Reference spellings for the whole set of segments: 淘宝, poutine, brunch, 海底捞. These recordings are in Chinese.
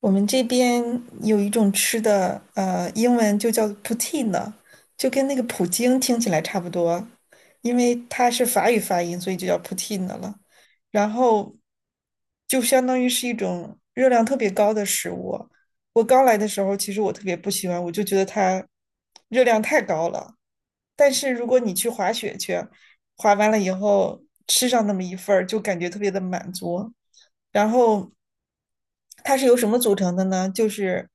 我们这边有一种吃的，英文就叫 poutine，就跟那个普京听起来差不多，因为它是法语发音，所以就叫 poutine 了。然后就相当于是一种热量特别高的食物。我刚来的时候，其实我特别不喜欢，我就觉得它热量太高了。但是如果你去滑雪去，滑完了以后吃上那么一份儿，就感觉特别的满足。然后它是由什么组成的呢？就是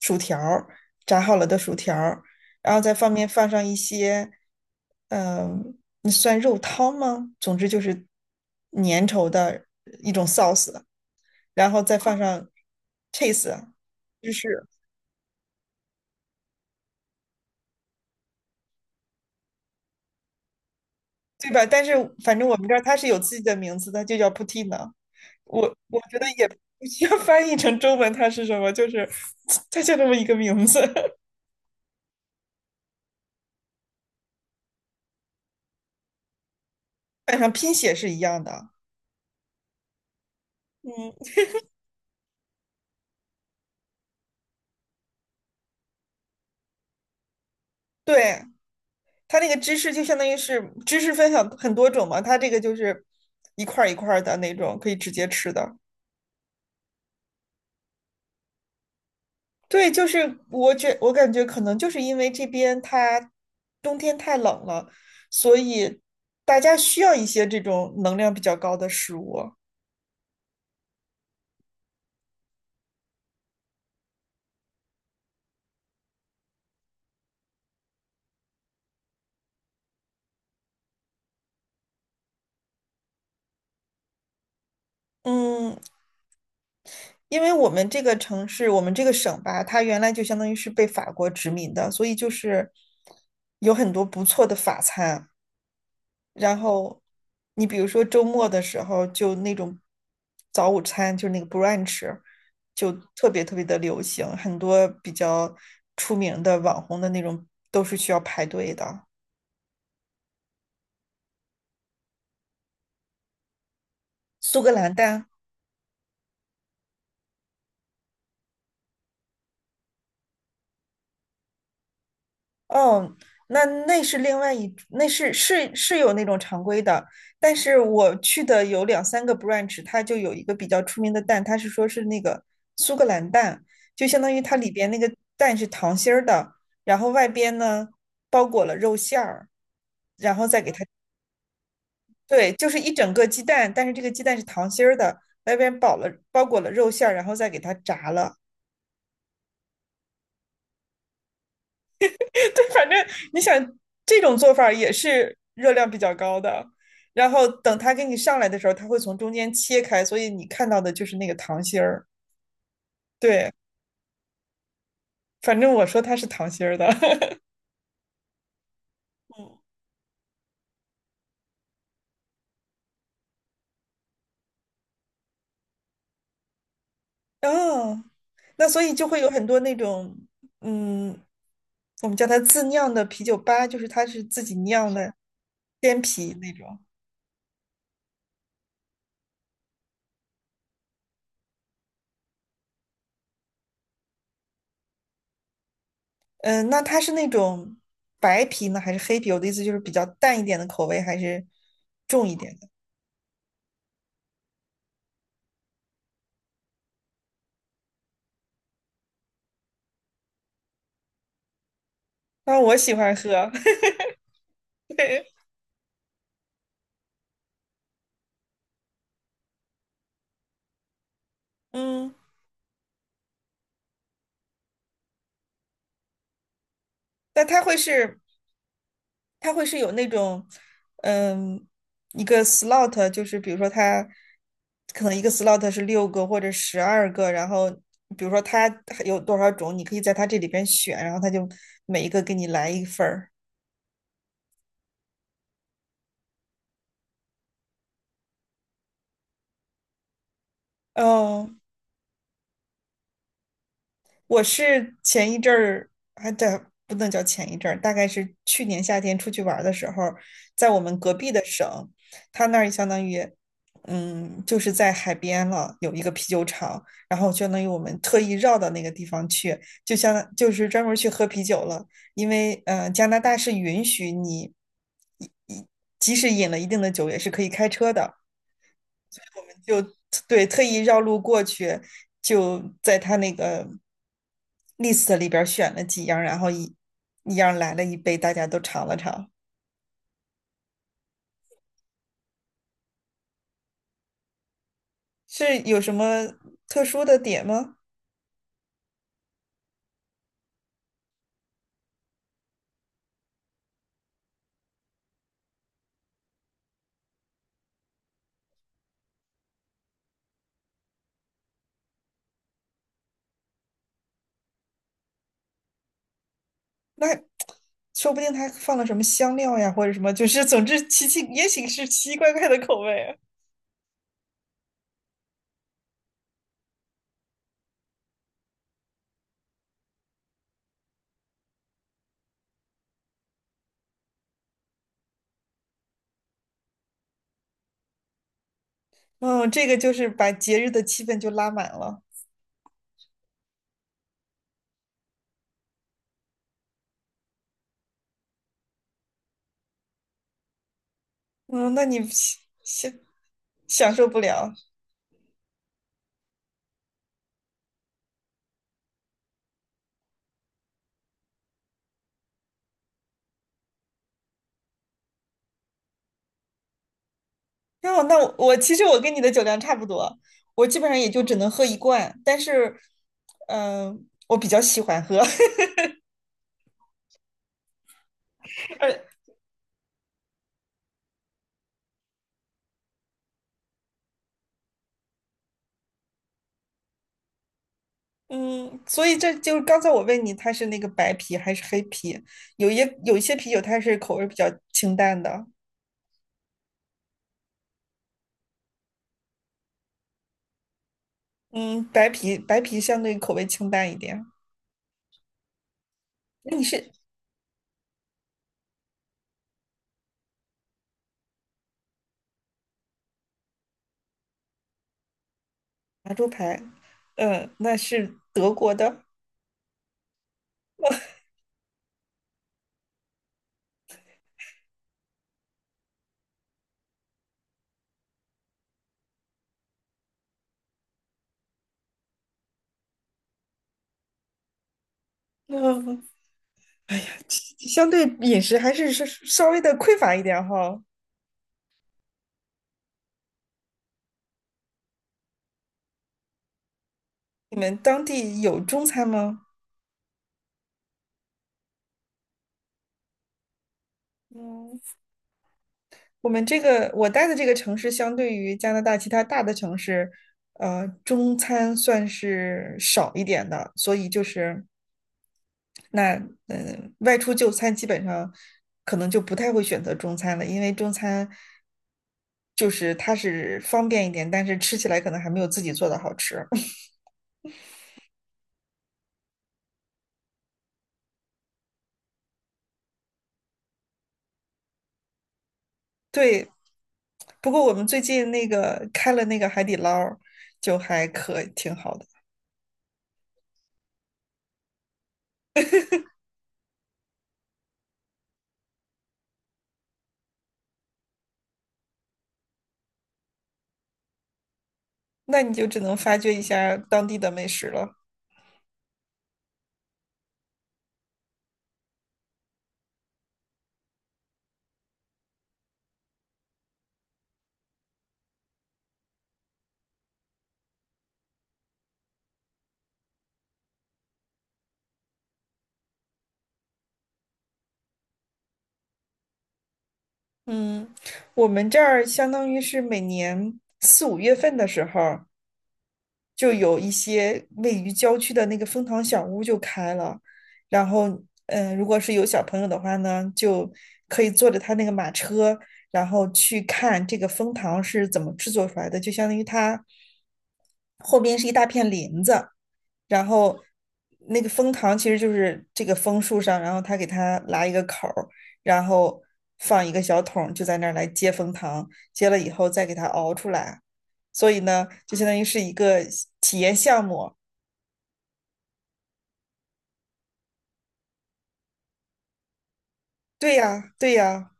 薯条儿炸好了的薯条儿，然后再放上一些。那算肉汤吗？总之就是粘稠的一种 sauce，然后再放上 cheese，就是对吧？但是反正我们这儿它是有自己的名字的，就叫 poutine。我我觉得也不需要翻译成中文，它是什么？就是 它就这么一个名字。本上拼写是一样的。嗯，对，它那个芝士就相当于是芝士分享很多种嘛，它这个就是一块一块的那种，可以直接吃的。对，就是我感觉可能就是因为这边它冬天太冷了，所以大家需要一些这种能量比较高的食物。嗯，因为我们这个城市，我们这个省吧，它原来就相当于是被法国殖民的，所以就是有很多不错的法餐。然后你比如说周末的时候，就那种早午餐，就是那个 brunch，就特别特别的流行，很多比较出名的网红的那种都是需要排队的。苏格兰蛋哦，那那是另外一，那是有那种常规的。但是我去的有2、3个 branch，它就有一个比较出名的蛋，它是说是那个苏格兰蛋，就相当于它里边那个蛋是糖心儿的，然后外边呢包裹了肉馅儿，然后再给它，对，就是一整个鸡蛋，但是这个鸡蛋是糖心儿的，外边包裹了肉馅儿，然后再给它炸了。对，反正你想这种做法也是热量比较高的，然后等它给你上来的时候，它会从中间切开，所以你看到的就是那个糖心儿。对，反正我说它是糖心儿的。嗯，哦，那所以就会有很多那种。嗯，我们叫它自酿的啤酒吧，就是它是自己酿的鲜啤那种。嗯，那它是那种白啤呢，还是黑啤？我的意思就是比较淡一点的口味，还是重一点？啊，我喜欢喝，对。嗯，但它会是，它会是有那种。嗯，一个 slot，就是比如说它可能一个 slot 是6个或者12个，然后比如说它有多少种，你可以在它这里边选，然后它就每一个给你来一份儿。哦，我是前一阵儿，还在不能叫前一阵儿，大概是去年夏天出去玩的时候，在我们隔壁的省，他那儿相当于，嗯，就是在海边了，有一个啤酒厂，然后相当于我们特意绕到那个地方去，就是专门去喝啤酒了。因为加拿大是允许你，一一即使饮了一定的酒，也是可以开车的。就对特意绕路过去，就在他那个 list 里边选了几样，然后一样来了一杯，大家都尝了尝。是有什么特殊的点吗？那说不定他放了什么香料呀，或者什么，就是总之也许是奇奇怪怪的口味啊。嗯，这个就是把节日的气氛就拉满了。嗯，那你享享受不了。那我其实我跟你的酒量差不多，我基本上也就只能喝一罐，但是，我比较喜欢喝。而嗯，所以这就是刚才我问你，它是那个白啤还是黑啤？有一有一些啤酒它是口味比较清淡的。嗯，白啤相对口味清淡一点。那你是拿猪排，嗯，那是德国的。嗯，相对饮食还是稍微的匮乏一点哈。你们当地有中餐吗？嗯，我待的这个城市，相对于加拿大其他大的城市，中餐算是少一点的，所以就是外出就餐基本上可能就不太会选择中餐了，因为中餐就是它是方便一点，但是吃起来可能还没有自己做的好吃。对，不过我们最近那个开了那个海底捞儿就还可挺好的。那你就只能发掘一下当地的美食了。嗯，我们这儿相当于是每年4、5月份的时候，就有一些位于郊区的那个蜂糖小屋就开了。然后，如果是有小朋友的话呢，就可以坐着他那个马车，然后去看这个蜂糖是怎么制作出来的，就相当于它后边是一大片林子，然后那个蜂糖其实就是这个枫树上，然后他给它拉一个口儿，然后放一个小桶就在那儿来接蜂糖，接了以后再给它熬出来。所以呢，就相当于是一个体验项目。对呀，对呀，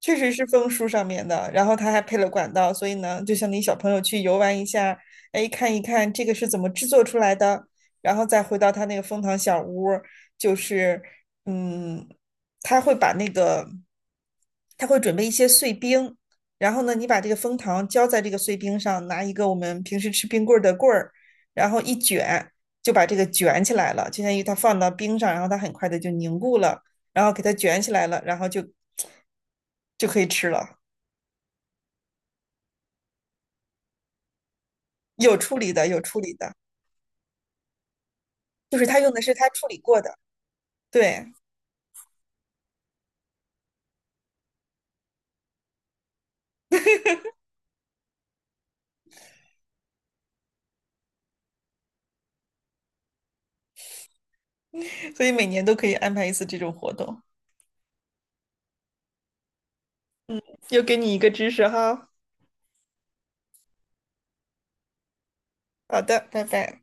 确实是枫树上面的，然后它还配了管道，所以呢，就像你小朋友去游玩一下，哎，看一看这个是怎么制作出来的，然后再回到他那个蜂糖小屋就是。嗯，他会把那个，他会准备一些碎冰，然后呢，你把这个蜂糖浇在这个碎冰上，拿一个我们平时吃冰棍儿的棍儿，然后一卷，就把这个卷起来了，就相当于它放到冰上，然后它很快的就凝固了，然后给它卷起来了，然后就可以吃了。有处理的，有处理的，就是他用的是他处理过的。对，所以每年都可以安排一次这种活动，又给你一个知识哈。好的，拜拜。